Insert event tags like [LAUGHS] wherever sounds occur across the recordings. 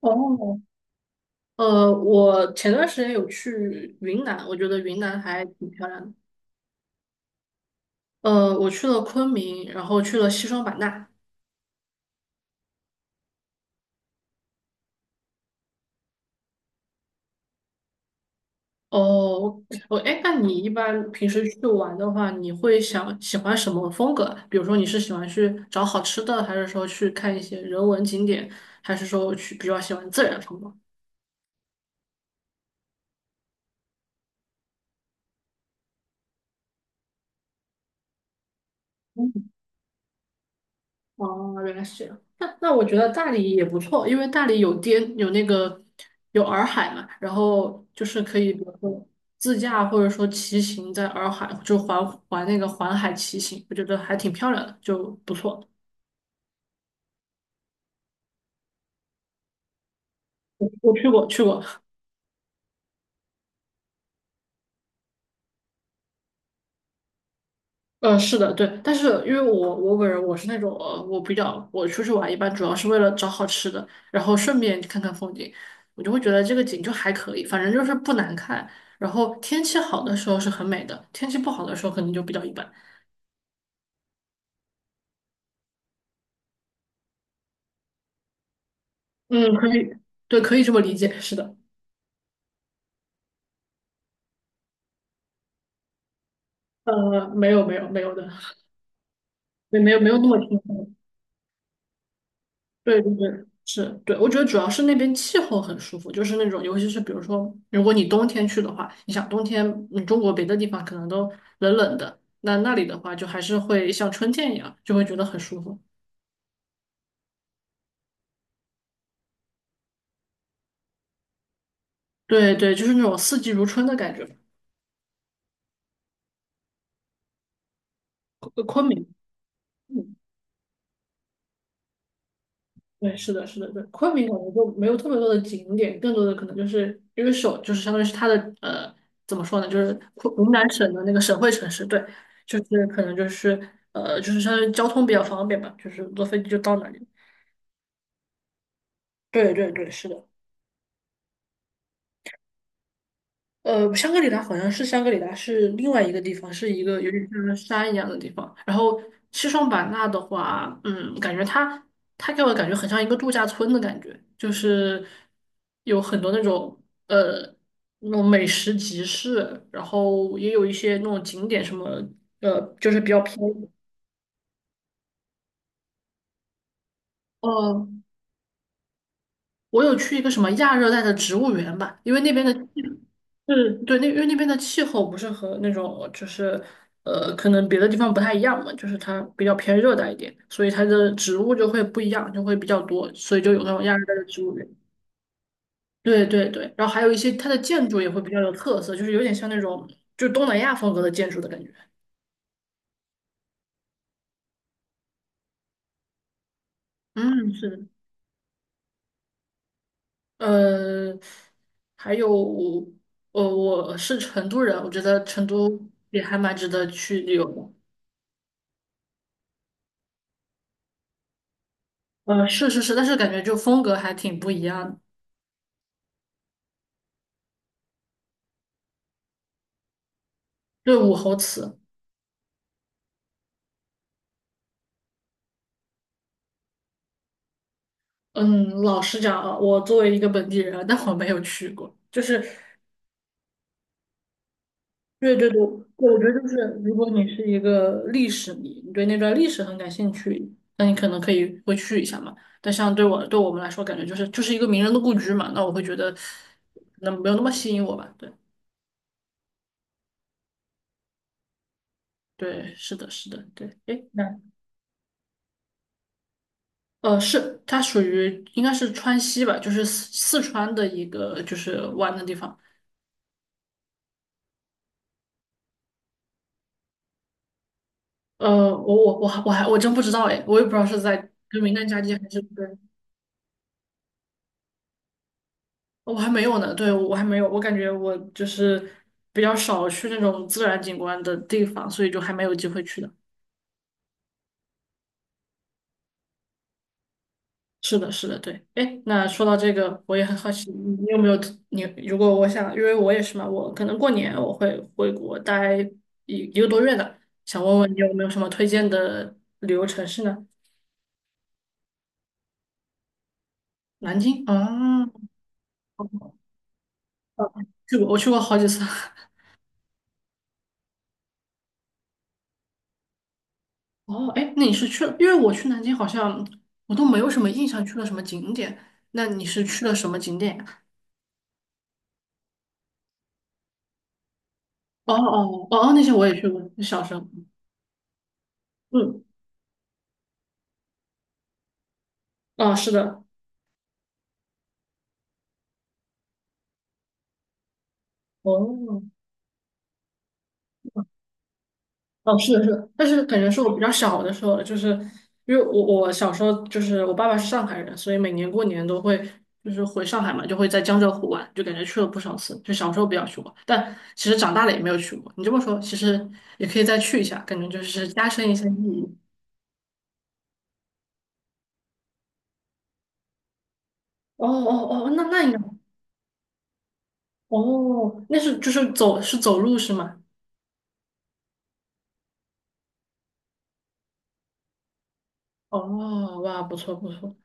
哦，我前段时间有去云南，我觉得云南还挺漂亮的。我去了昆明，然后去了西双版纳。哦，我哎，那你一般平时去玩的话，你会想喜欢什么风格啊比如说你是喜欢去找好吃的，还是说去看一些人文景点，还是说去比较喜欢自然风光？哦，原来是这样。那我觉得大理也不错，因为大理有滇有那个有洱海嘛，然后就是可以比如说自驾或者说骑行在洱海，就环那个环海骑行，我觉得还挺漂亮的，就不错。我去过，是的，对，但是因为我本人我是那种我比较我出去玩一般主要是为了找好吃的，然后顺便看看风景，我就会觉得这个景就还可以，反正就是不难看。然后天气好的时候是很美的，天气不好的时候可能就比较一般。嗯，可以，对，可以这么理解，是的。没有的，没有那么轻松。对对对，是，对，我觉得主要是那边气候很舒服，就是那种，尤其是比如说，如果你冬天去的话，你想冬天，嗯，中国别的地方可能都冷冷的，那那里的话就还是会像春天一样，就会觉得很舒服。对对，就是那种四季如春的感觉吧。昆明，嗯，对，是的，是的，对，昆明可能就没有特别多的景点，更多的可能就是因为首就是相当于是它的怎么说呢，就是昆云南省的那个省会城市，对，就是可能就是就是相当于交通比较方便吧，就是坐飞机就到那里。对对对，是的。香格里拉好像是香格里拉是另外一个地方，是一个有点像山一样的地方。然后西双版纳的话，嗯，感觉它给我感觉很像一个度假村的感觉，就是有很多那种呃那种美食集市，然后也有一些那种景点什么，就是比较偏。哦，我有去一个什么亚热带的植物园吧，因为那边的气是，对，那因为那边的气候不是和那种就是可能别的地方不太一样嘛，就是它比较偏热带一点，所以它的植物就会不一样，就会比较多，所以就有那种亚热带的植物园。对对对，然后还有一些它的建筑也会比较有特色，就是有点像那种就东南亚风格的建筑的感觉。嗯，是的，呃，还有，我是成都人，我觉得成都也还蛮值得去旅游的。是是是，但是感觉就风格还挺不一样的。对，武侯祠，嗯，老实讲啊，我作为一个本地人啊，[LAUGHS] 但我没有去过。就是，对对对，对，我觉得就是，如果你是一个历史迷，你对那段历史很感兴趣，那你可能可以会去一下嘛。但像对我对我们来说，感觉就是一个名人的故居嘛，那我会觉得，那没有那么吸引我吧。对对，是的，是的，对，诶。那。是，它属于应该是川西吧，就是四川的一个就是玩的地方。我真不知道哎，我也不知道是在跟名南加绩还是对，我还没有呢，对，我还没有，我感觉我就是比较少去那种自然景观的地方，所以就还没有机会去的。是的，是的，对。哎，那说到这个，我也很好奇，你有没有特你如果我想，因为我也是嘛，我可能过年我会回国待一个多月的，想问问你有没有什么推荐的旅游城市呢？南京啊，我去过，我去过好几次。[LAUGHS] 哦，哎，那你是去了？因为我去南京好像我都没有什么印象，去了什么景点？那你是去了什么景点呀。哦哦哦，哦那些我也去过，小时候。嗯，哦，是的，哦哦，是的，是的，但是感觉是我比较小的时候了就是因为我小时候就是我爸爸是上海人，所以每年过年都会就是回上海嘛，就会在江浙沪玩，就感觉去了不少次。就小时候比较去过，但其实长大了也没有去过。你这么说，其实也可以再去一下，感觉就是加深一下记忆。哦哦哦，那应该。哦，那是就是走是走路是吗？哦，哇，不错不错，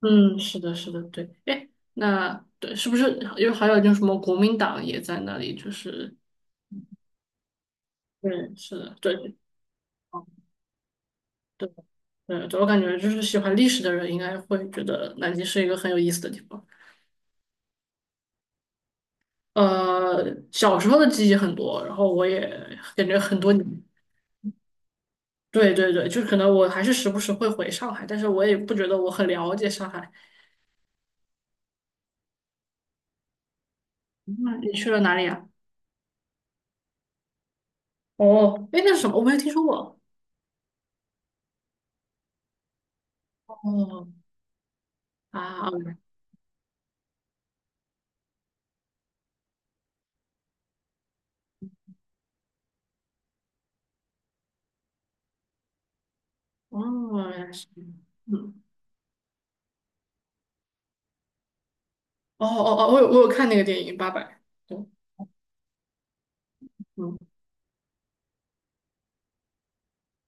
嗯，是的，是的，对，哎，那对，是不是因为还有就是什么国民党也在那里？就是对，是的，对，哦，对对对，我感觉就是喜欢历史的人应该会觉得南京是一个很有意思的地方。呃，小时候的记忆很多，然后我也感觉很多年对对对，就是可能我还是时不时会回上海，但是我也不觉得我很了解上海。那你去了哪里啊？哦，哎，那是什么？我没有听说过。哦，啊，哦，原来是这样，嗯，哦哦哦，我有看那个电影《八佰》，对，嗯，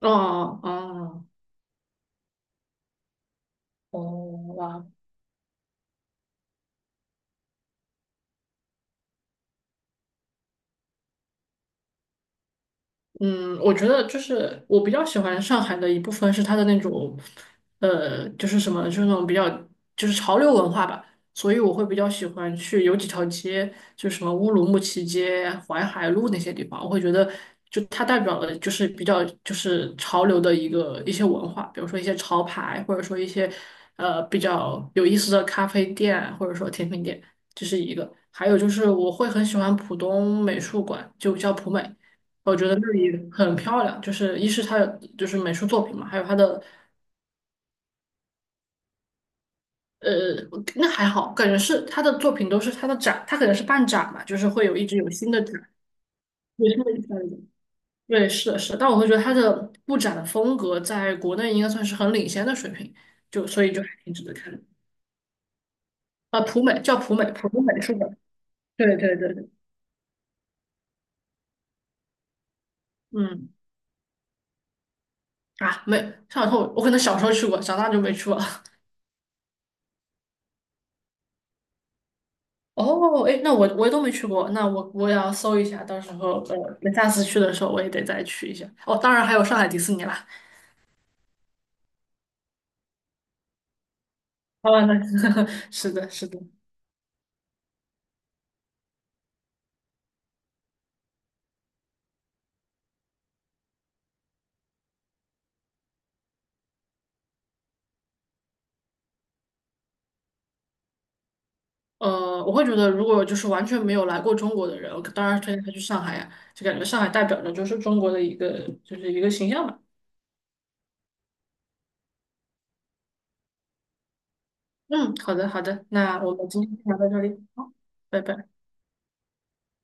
哦哦哦，哦，哇，嗯，我觉得就是我比较喜欢上海的一部分是它的那种，就是什么，就是那种比较就是潮流文化吧，所以我会比较喜欢去有几条街，就是什么乌鲁木齐街、淮海路那些地方，我会觉得就它代表了就是比较就是潮流的一个一些文化，比如说一些潮牌，或者说一些比较有意思的咖啡店，或者说甜品店，这是一个。还有就是我会很喜欢浦东美术馆，就叫浦美。我觉得那里很漂亮，就是一是它的就是美术作品嘛，还有它的呃，那还好，感觉是他的作品都是他的展，他可能是办展嘛，就是会有一直有新的展，有新的展览。对，是的，是的，但我会觉得他的布展的风格在国内应该算是很领先的水平，就所以就还挺值得看的。啊，普美叫普美，普美美术馆。对对对对，嗯，啊，没上头，我可能小时候去过，长大就没去过。哦，哎，那我我都没去过，那我我也要搜一下，到时候那下次去的时候我也得再去一下。哦，当然还有上海迪士尼啦。哦，那 [LAUGHS] 是的，是的。我会觉得如果就是完全没有来过中国的人，我当然推荐他去上海呀，就感觉上海代表着就是中国的一个就是一个形象吧。嗯，好的，好的，那我们今天就聊到这里，好，拜拜。